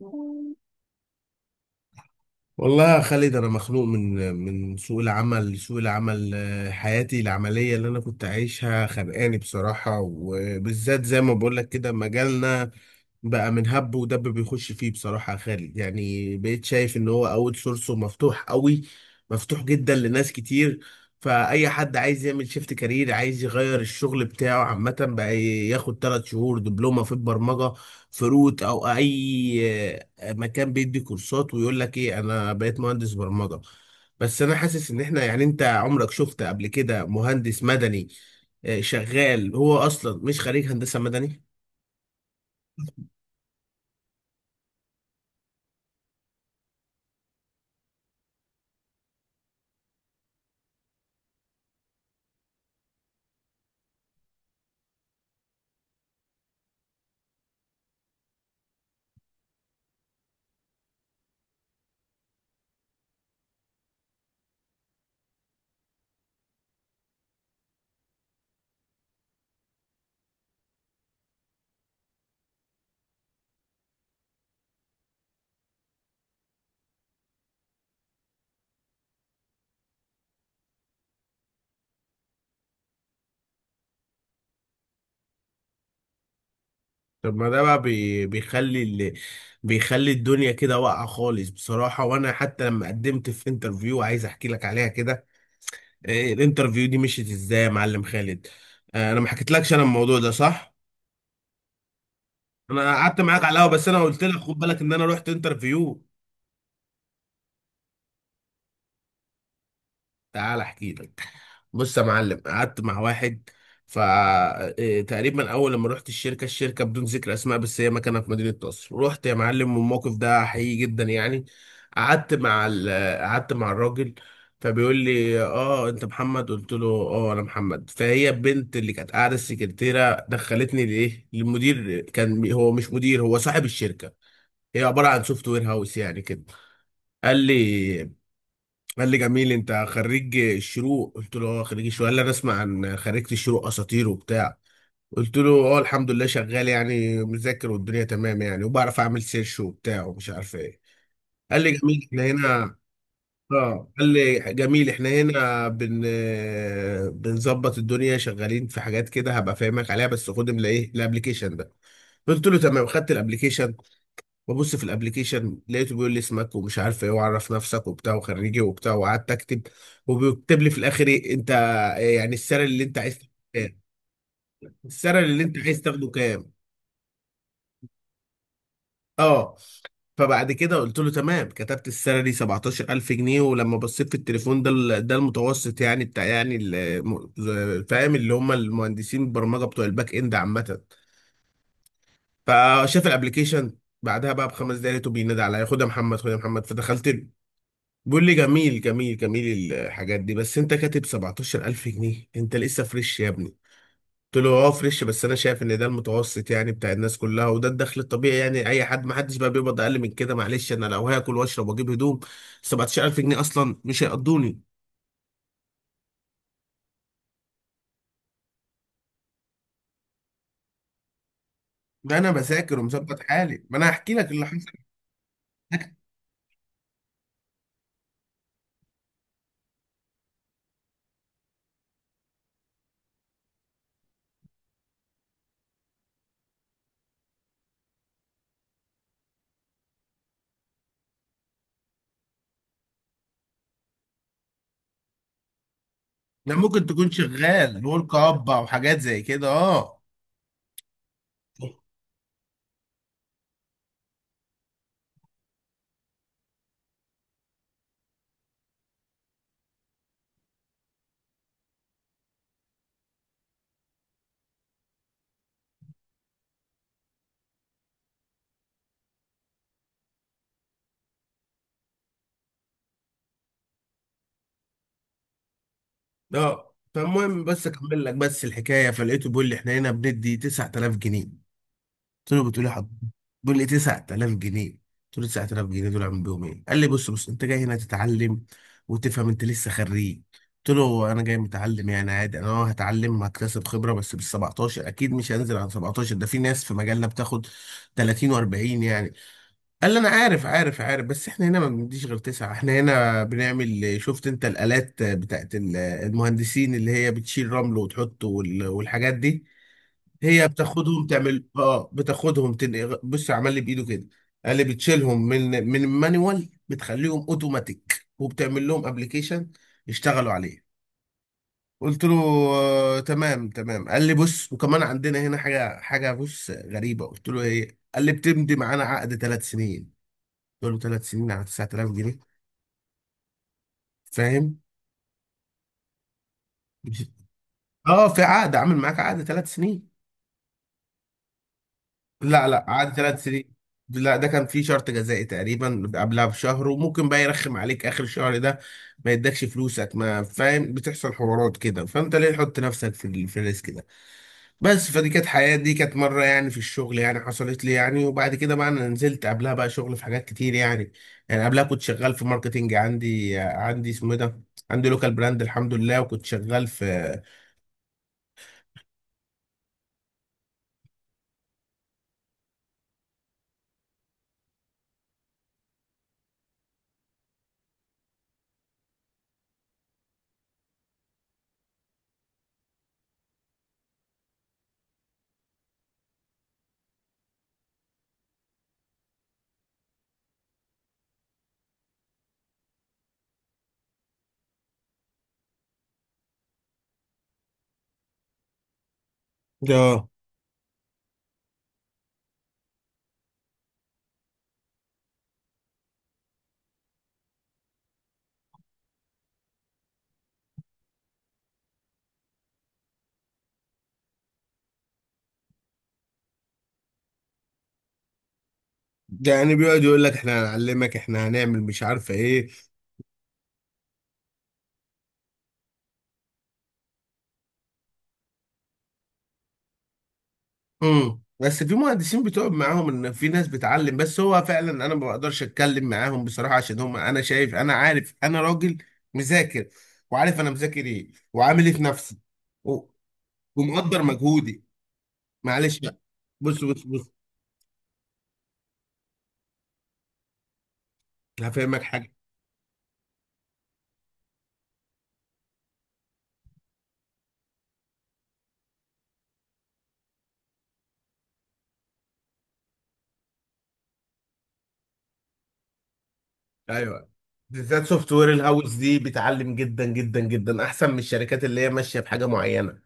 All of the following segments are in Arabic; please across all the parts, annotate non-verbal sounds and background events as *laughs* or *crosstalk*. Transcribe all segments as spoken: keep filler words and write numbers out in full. والله يا خالد انا مخنوق من من سوق العمل. سوق العمل آه، حياتي العمليه اللي انا كنت عايشها خانقاني بصراحه، وبالذات زي ما بقول لك كده مجالنا بقى من هب ودب بيخش فيه بصراحه يا خالد. يعني بقيت شايف ان هو اوت سورسه مفتوح قوي، مفتوح جدا لناس كتير. فاي حد عايز يعمل شيفت كارير، عايز يغير الشغل بتاعه عامه، بقى ياخد ثلاث شهور دبلومه في البرمجه في روت او اي مكان بيدي كورسات، ويقول لك ايه، انا بقيت مهندس برمجة. بس انا حاسس ان احنا يعني انت عمرك شفت قبل كده مهندس مدني، آه، شغال هو اصلا مش خريج هندسة مدني؟ طب ما ده بقى بي- بيخلي ال... بيخلي الدنيا كده واقعة خالص بصراحة. وانا حتى لما قدمت في انترفيو عايز احكي لك عليها كده. آه، الانترفيو دي مشيت ازاي يا معلم خالد؟ آه، انا ما حكيتلكش انا الموضوع ده، صح، انا قعدت معاك على القهوة بس انا قلت لك خد بالك ان انا رحت انترفيو. تعال احكي لك. بص يا معلم، قعدت مع واحد. فتقريبا اول لما رحت الشركه، الشركه بدون ذكر اسماء، بس هي مكانها في مدينه نصر. رحت يا معلم، والموقف ده حقيقي جدا يعني. قعدت مع ال... قعدت مع الراجل، فبيقول لي اه انت محمد، قلت له اه انا محمد. فهي البنت اللي كانت قاعده السكرتيره دخلتني لايه للمدير، كان هو مش مدير، هو صاحب الشركه. هي عباره عن سوفت وير هاوس يعني كده. قال لي قال لي جميل، انت خريج الشروق؟ قلت له اه خريج الشروق. قال لي انا اسمع عن خريجة الشروق اساطير وبتاع. قلت له اه، الحمد لله شغال يعني، مذاكر والدنيا تمام يعني، وبعرف اعمل سيرش وبتاع ومش عارف ايه. قال لي جميل احنا هنا. اه قال لي جميل احنا هنا بن آه، بنظبط الدنيا، شغالين في حاجات كده هبقى فاهمك عليها، بس خد من ايه الابلكيشن ده. قلت له تمام، خدت الابلكيشن. ببص في الابليكيشن، لقيته بيقول لي اسمك ومش عارف ايه، وعرف نفسك وبتاع، وخريجي وبتاع. وقعدت اكتب. وبيكتب لي في الاخر ايه، انت يعني السعر اللي انت عايز تاخده كام، السعر اللي انت عايز تاخده كام. اه فبعد كده قلت له تمام، كتبت السالري سبعتاشر الف جنيه، ولما بصيت في التليفون ده ال- ده المتوسط يعني بتاع يعني ال- فاهم، اللي هم المهندسين البرمجه بتوع الباك اند عامه. فشاف الابليكيشن بعدها بقى بخمس دقايق، لقيته بينادي عليا، خد يا محمد خد يا محمد. فدخلت له، بيقول لي جميل جميل جميل الحاجات دي، بس انت كاتب سبعتاشر الف جنيه، انت لسه فريش يا ابني. قلت له اه فريش، بس انا شايف ان ده المتوسط يعني بتاع الناس كلها، وده الدخل الطبيعي يعني، اي حد، ما حدش بقى بيقبض اقل من كده، معلش، انا لو هاكل واشرب واجيب هدوم سبعة عشر الف جنيه اصلا مش هيقضوني. ده انا بذاكر ومظبط حالي، ما انا هحكي لك اللي حصل. ده ممكن تكون شغال ورك اب او حاجات زي كده، اه. اه فالمهم بس اكمل لك بس الحكايه. فلقيته بيقول لي احنا هنا بندي تسعة الاف جنيه. قلت له بتقولي حضرتك؟ بيقول لي تسعة الاف جنيه. قلت له تسعة الاف جنيه دول اعمل بيهم ايه؟ قال لي بص بص، انت جاي هنا تتعلم وتفهم، انت لسه خريج. قلت له انا جاي متعلم يعني عادي، انا اه هتعلم هكتسب خبره، بس بال سبعتاشر اكيد، مش هنزل على سبعتاشر، ده في ناس في مجالنا بتاخد تلاتين واربعين يعني. قال لي انا عارف عارف عارف، بس احنا هنا ما بنديش غير تسعه. احنا هنا بنعمل شفت، انت الالات بتاعت ال- المهندسين اللي هي بتشيل رمل وتحطه وال- والحاجات دي، هي بتاخدهم تعمل اه، بتاخدهم تنقل، بص عمل لي بايده كده. قال لي بتشيلهم من من المانيوال، بتخليهم اوتوماتيك، وبتعمل لهم ابلكيشن يشتغلوا عليه. قلت له آه تمام تمام. قال لي بص، وكمان عندنا هنا حاجه حاجه بص غريبه. قلت له ايه؟ قال لي بتمضي معانا عقد ثلاث سنين. قلت له ثلاث سنين على تسعة الاف جنيه؟ فاهم، اه، في عقد عامل معاك عقد ثلاث سنين. لا لا قعد ثلاث سنين. لا ده كان فيه شرط جزائي تقريبا قبلها بشهر، وممكن بقى يرخم عليك اخر الشهر ده، ما يدكش فلوسك، ما فاهم، بتحصل حوارات كده. فانت ليه تحط نفسك في ال- في الريسك ده؟ بس فدي كانت حياتي، دي كانت مره يعني في الشغل يعني، حصلت لي يعني. وبعد كده بقى انا نزلت قبلها بقى شغل في حاجات كتير يعني. يعني قبلها كنت شغال في ماركتينج، عندي عندي اسمه إيه ده، عندي لوكال براند الحمد لله، وكنت شغال في اه. يعني بيقعد يقول لك احنا هنعلمك، احنا هنعمل مش عارفه ايه. امم بس في مهندسين بتقعد معاهم ان في ناس بتعلم، بس هو فعلا انا ما بقدرش اتكلم معاهم بصراحه، عشان هم، انا شايف، انا عارف، انا راجل مذاكر وعارف انا مذاكر ايه، وعامل ايه في نفسي. و- ومقدر مجهودي، معلش بقى. بص بص بص هفهمك حاجه. ايوه، بالذات سوفت وير الهاوس دي بتعلم جدا جدا جدا احسن من الشركات اللي هي ماشيه بحاجه معينه.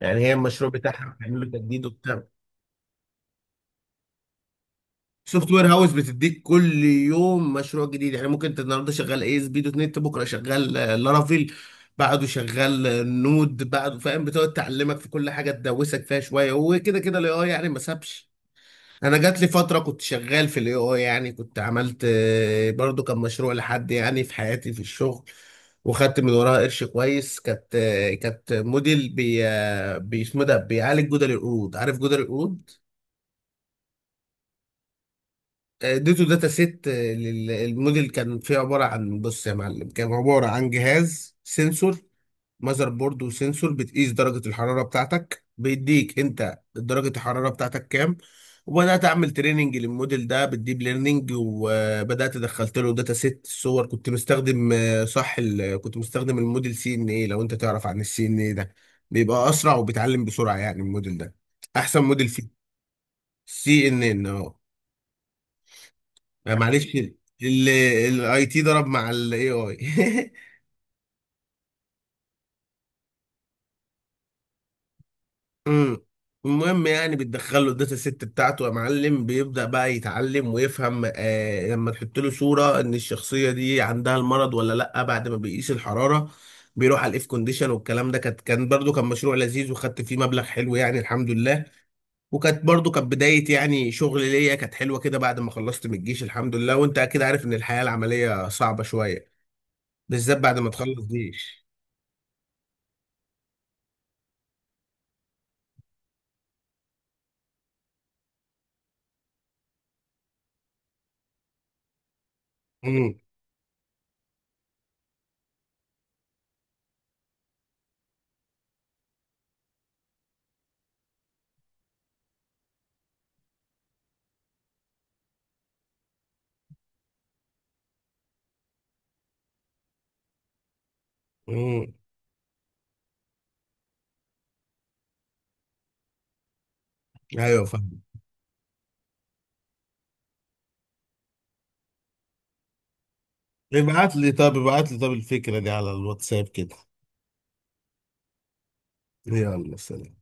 يعني هي المشروع بتاعها بتعمل له تجديد وبتاع. سوفت وير هاوس بتديك كل يوم مشروع جديد، يعني ممكن انت النهارده شغال اي اس بي دوت نت، بكره شغال آه، لارافيل، بعده شغال آه، نود، بعده، فاهم، بتقعد تعلمك في كل حاجه تدوسك فيها شويه. وكده كده الاي اي يعني ما سابش. انا جات لي فتره كنت شغال في الاي اي يعني، كنت عملت آه، برضو كان مشروع لحد يعني في حياتي في الشغل، وخدت من وراها قرش كويس. كانت آه، كانت موديل بي آه، بي اسمه ده، بيعالج جدر القرود. عارف جدر القرود؟ اديته داتا سيت للموديل، كان فيه عباره عن، بص يا معلم، كان عباره عن جهاز سنسور، ماذر بورد وسنسور بتقيس درجه الحراره بتاعتك، بيديك انت درجه الحراره بتاعتك كام. وبدات اعمل تريننج للموديل ده بالديب ليرنينج. وبدات دخلت له داتا سيت صور، كنت مستخدم آه، صح ال- كنت مستخدم الموديل سي ان اي. لو انت تعرف عن السي ان اي ده، بيبقى اسرع وبيتعلم بسرعه يعني الموديل ده، احسن موديل فيه. سي ان ان. آه، معلش، الاي تي ضرب مع الاي اي *laughs* امم المهم، يعني بتدخل له الداتا سيت بتاعته يا معلم، بيبدأ بقى يتعلم ويفهم آه، لما تحط له صورة ان الشخصية دي عندها المرض ولا لا بعد ما بيقيس الحرارة. بيروح على الاف كونديشن والكلام ده. كانت، كان برضو كان مشروع لذيذ وخدت فيه مبلغ حلو يعني، الحمد لله. وكانت برضو كانت بداية يعني شغل ليا، كانت حلوة كده بعد ما خلصت من الجيش، الحمد لله. وانت اكيد عارف ان الحياة العملية صعبة شوية، بالذات بعد ما تخلص جيش. امم، ايوه فاهم. ابعت لي طب ابعت لي طب الفكرة دي على الواتساب كده. يلا سلام.